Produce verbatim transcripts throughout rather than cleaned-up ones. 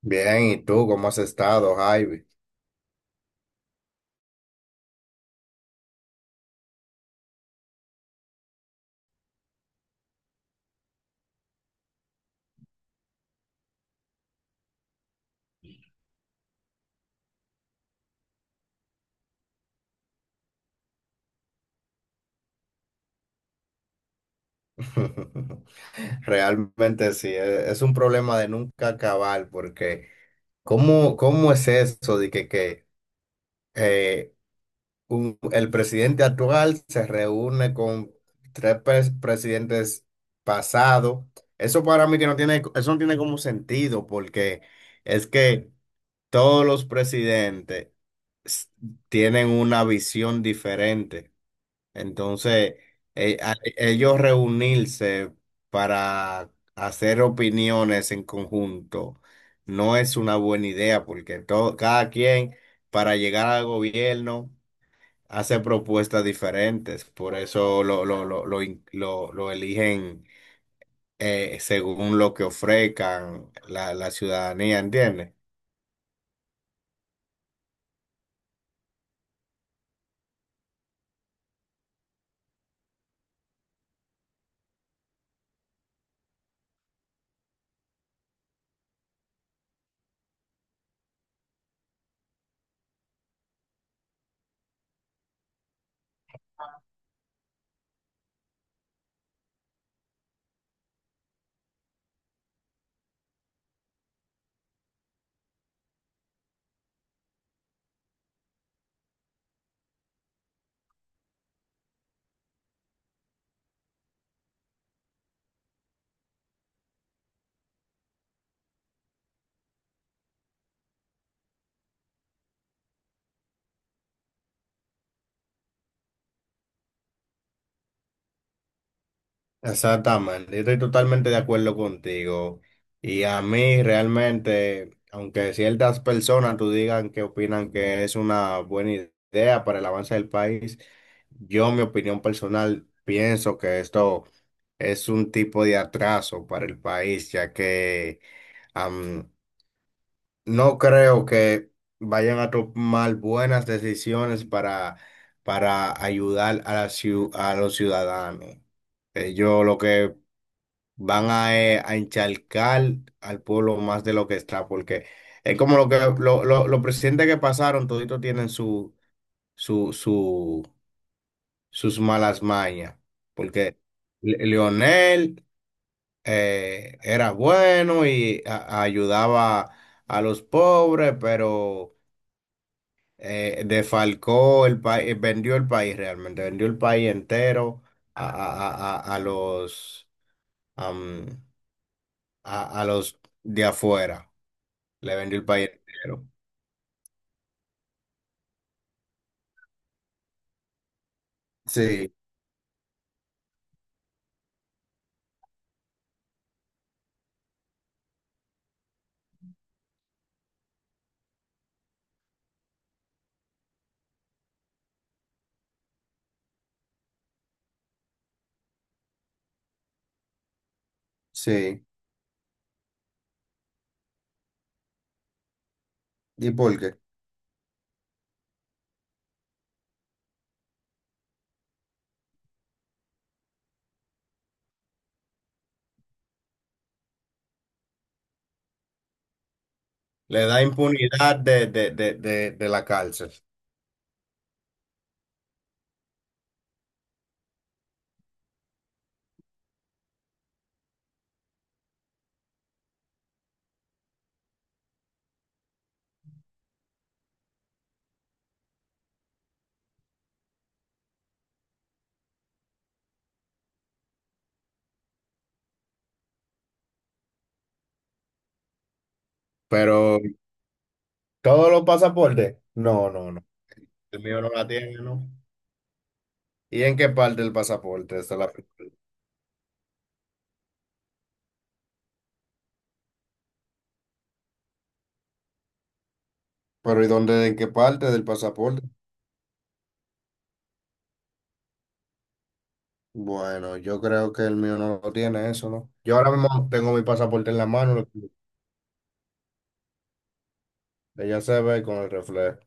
Bien, ¿y tú cómo has estado, Javi? Realmente sí, e- es un problema de nunca acabar, porque ¿cómo, cómo es eso de que, que eh, un- el presidente actual se reúne con tres pres- presidentes pasados? Eso para mí que no tiene, eso no tiene como sentido, porque es que todos los presidentes s- tienen una visión diferente. Entonces, eh, a- ellos reunirse para hacer opiniones en conjunto no es una buena idea porque todo, cada quien para llegar al gobierno hace propuestas diferentes. Por eso lo, lo, lo, lo, in- lo- lo eligen eh, según lo que ofrezcan la, la ciudadanía, ¿entiendes? Exactamente, yo estoy totalmente de acuerdo contigo. Y a mí realmente, aunque ciertas personas tú digan que opinan que es una buena idea para el avance del país, yo, mi opinión personal, pienso que esto es un tipo de atraso para el país, ya que am, no creo que vayan a tomar buenas decisiones para, para ayudar a, la ciu- a los ciudadanos. Eh, Yo lo que van a, eh, a encharcar al pueblo más de lo que está, porque es como lo que lo- lo- los presidentes que pasaron, toditos tienen su, su, su, sus malas mañas, porque Le- Leonel eh, era bueno y a- ayudaba a los pobres, pero eh, defalcó el país, vendió el país realmente, vendió el país entero a, a- a- a- a los, am, a a los de afuera. Le vendió el país entero. Sí, sí. ¿Y por qué? Le da impunidad de, de, de, de, de la cárcel. Pero todos los pasaportes, no, no, no. El mío no la tiene, ¿no? ¿Y en qué parte del pasaporte? Esa es la pregunta. Pero ¿y dónde, en qué parte del pasaporte? Bueno, yo creo que el mío no lo tiene eso, ¿no? Yo ahora mismo tengo mi pasaporte en la mano, lo que ella se ve con el reflejo,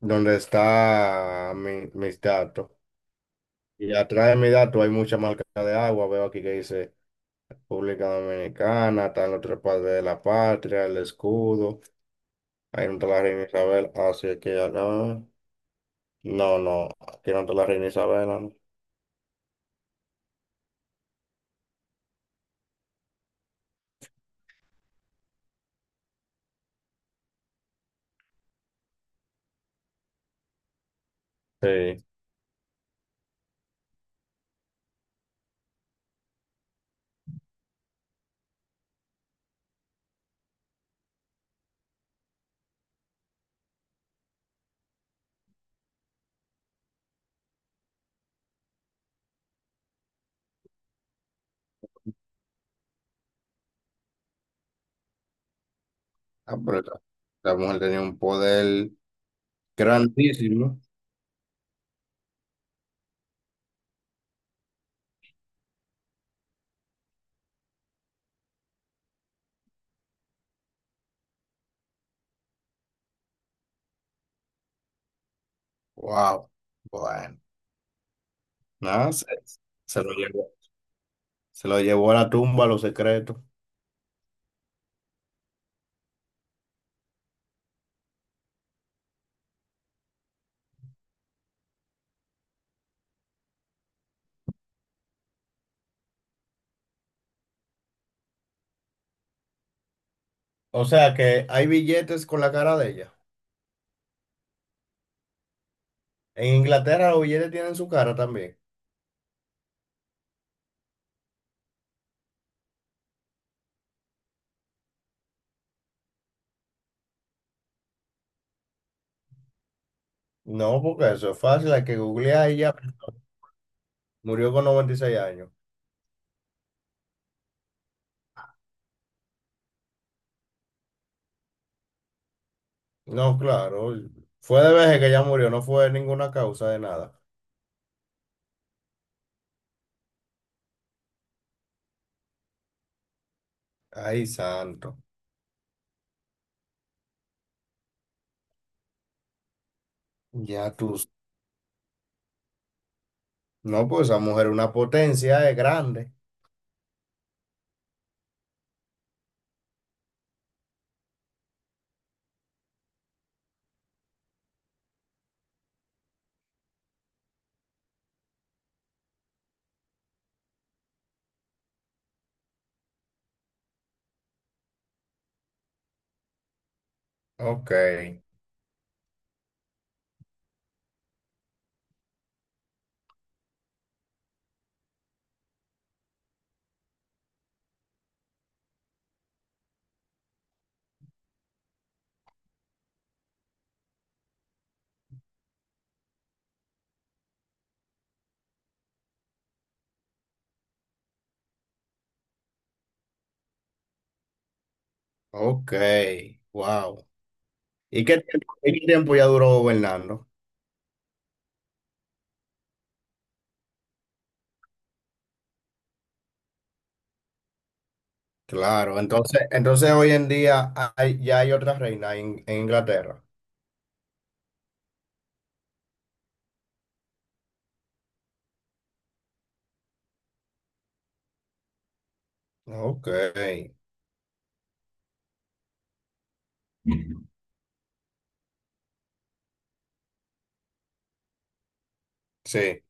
donde está mi- mis datos. Y atrás de mis datos hay mucha marca de agua, veo aquí que dice República Dominicana, están los tres padres de la patria, el escudo, ahí no está la reina Isabel, así que acá, no, no, aquí no está la reina Isabel, ¿no? Sí. Ah, pero esta- la mujer tenía un poder grandísimo. Wow, bueno, nada, se, se lo llevó, se lo llevó a la tumba, los secretos. O sea que hay billetes con la cara de ella. En Inglaterra los billetes tienen su cara también. No, porque eso es fácil, hay que googlear y ya. Murió con noventa y seis años. No, claro. Fue de vejez que ella murió, no fue ninguna causa de nada. Ay, santo. Ya tú. s- No, pues esa mujer es una potencia, es grande. Ok, ok, wow. ¿Y qué tiempo, y qué tiempo ya duró gobernando? Claro, entonces, entonces hoy en día hay- ya hay otra reina en, en Inglaterra. Ok, sí,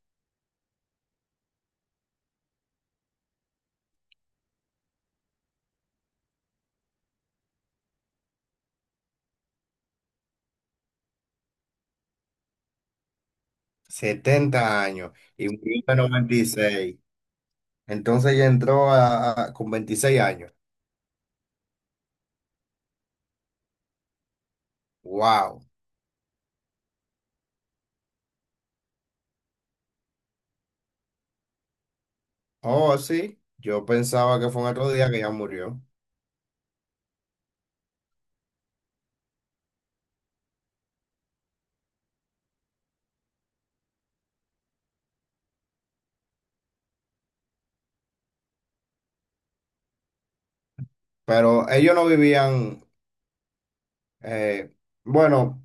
setenta años y murió en noventa y seis. Entonces ya entró a- a- con veintiséis años. Wow. Oh, sí, yo pensaba que fue un otro día que ya murió, pero ellos no vivían, eh, bueno,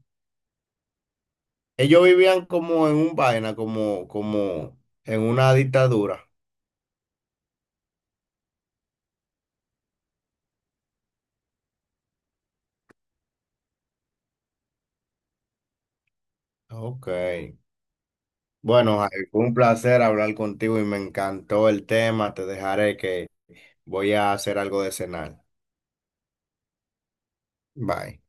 ellos vivían como en un vaina, como, como en una dictadura. Ok. Bueno, Jair, fue un placer hablar contigo y me encantó el tema. Te dejaré que voy a hacer algo de cenar. Bye.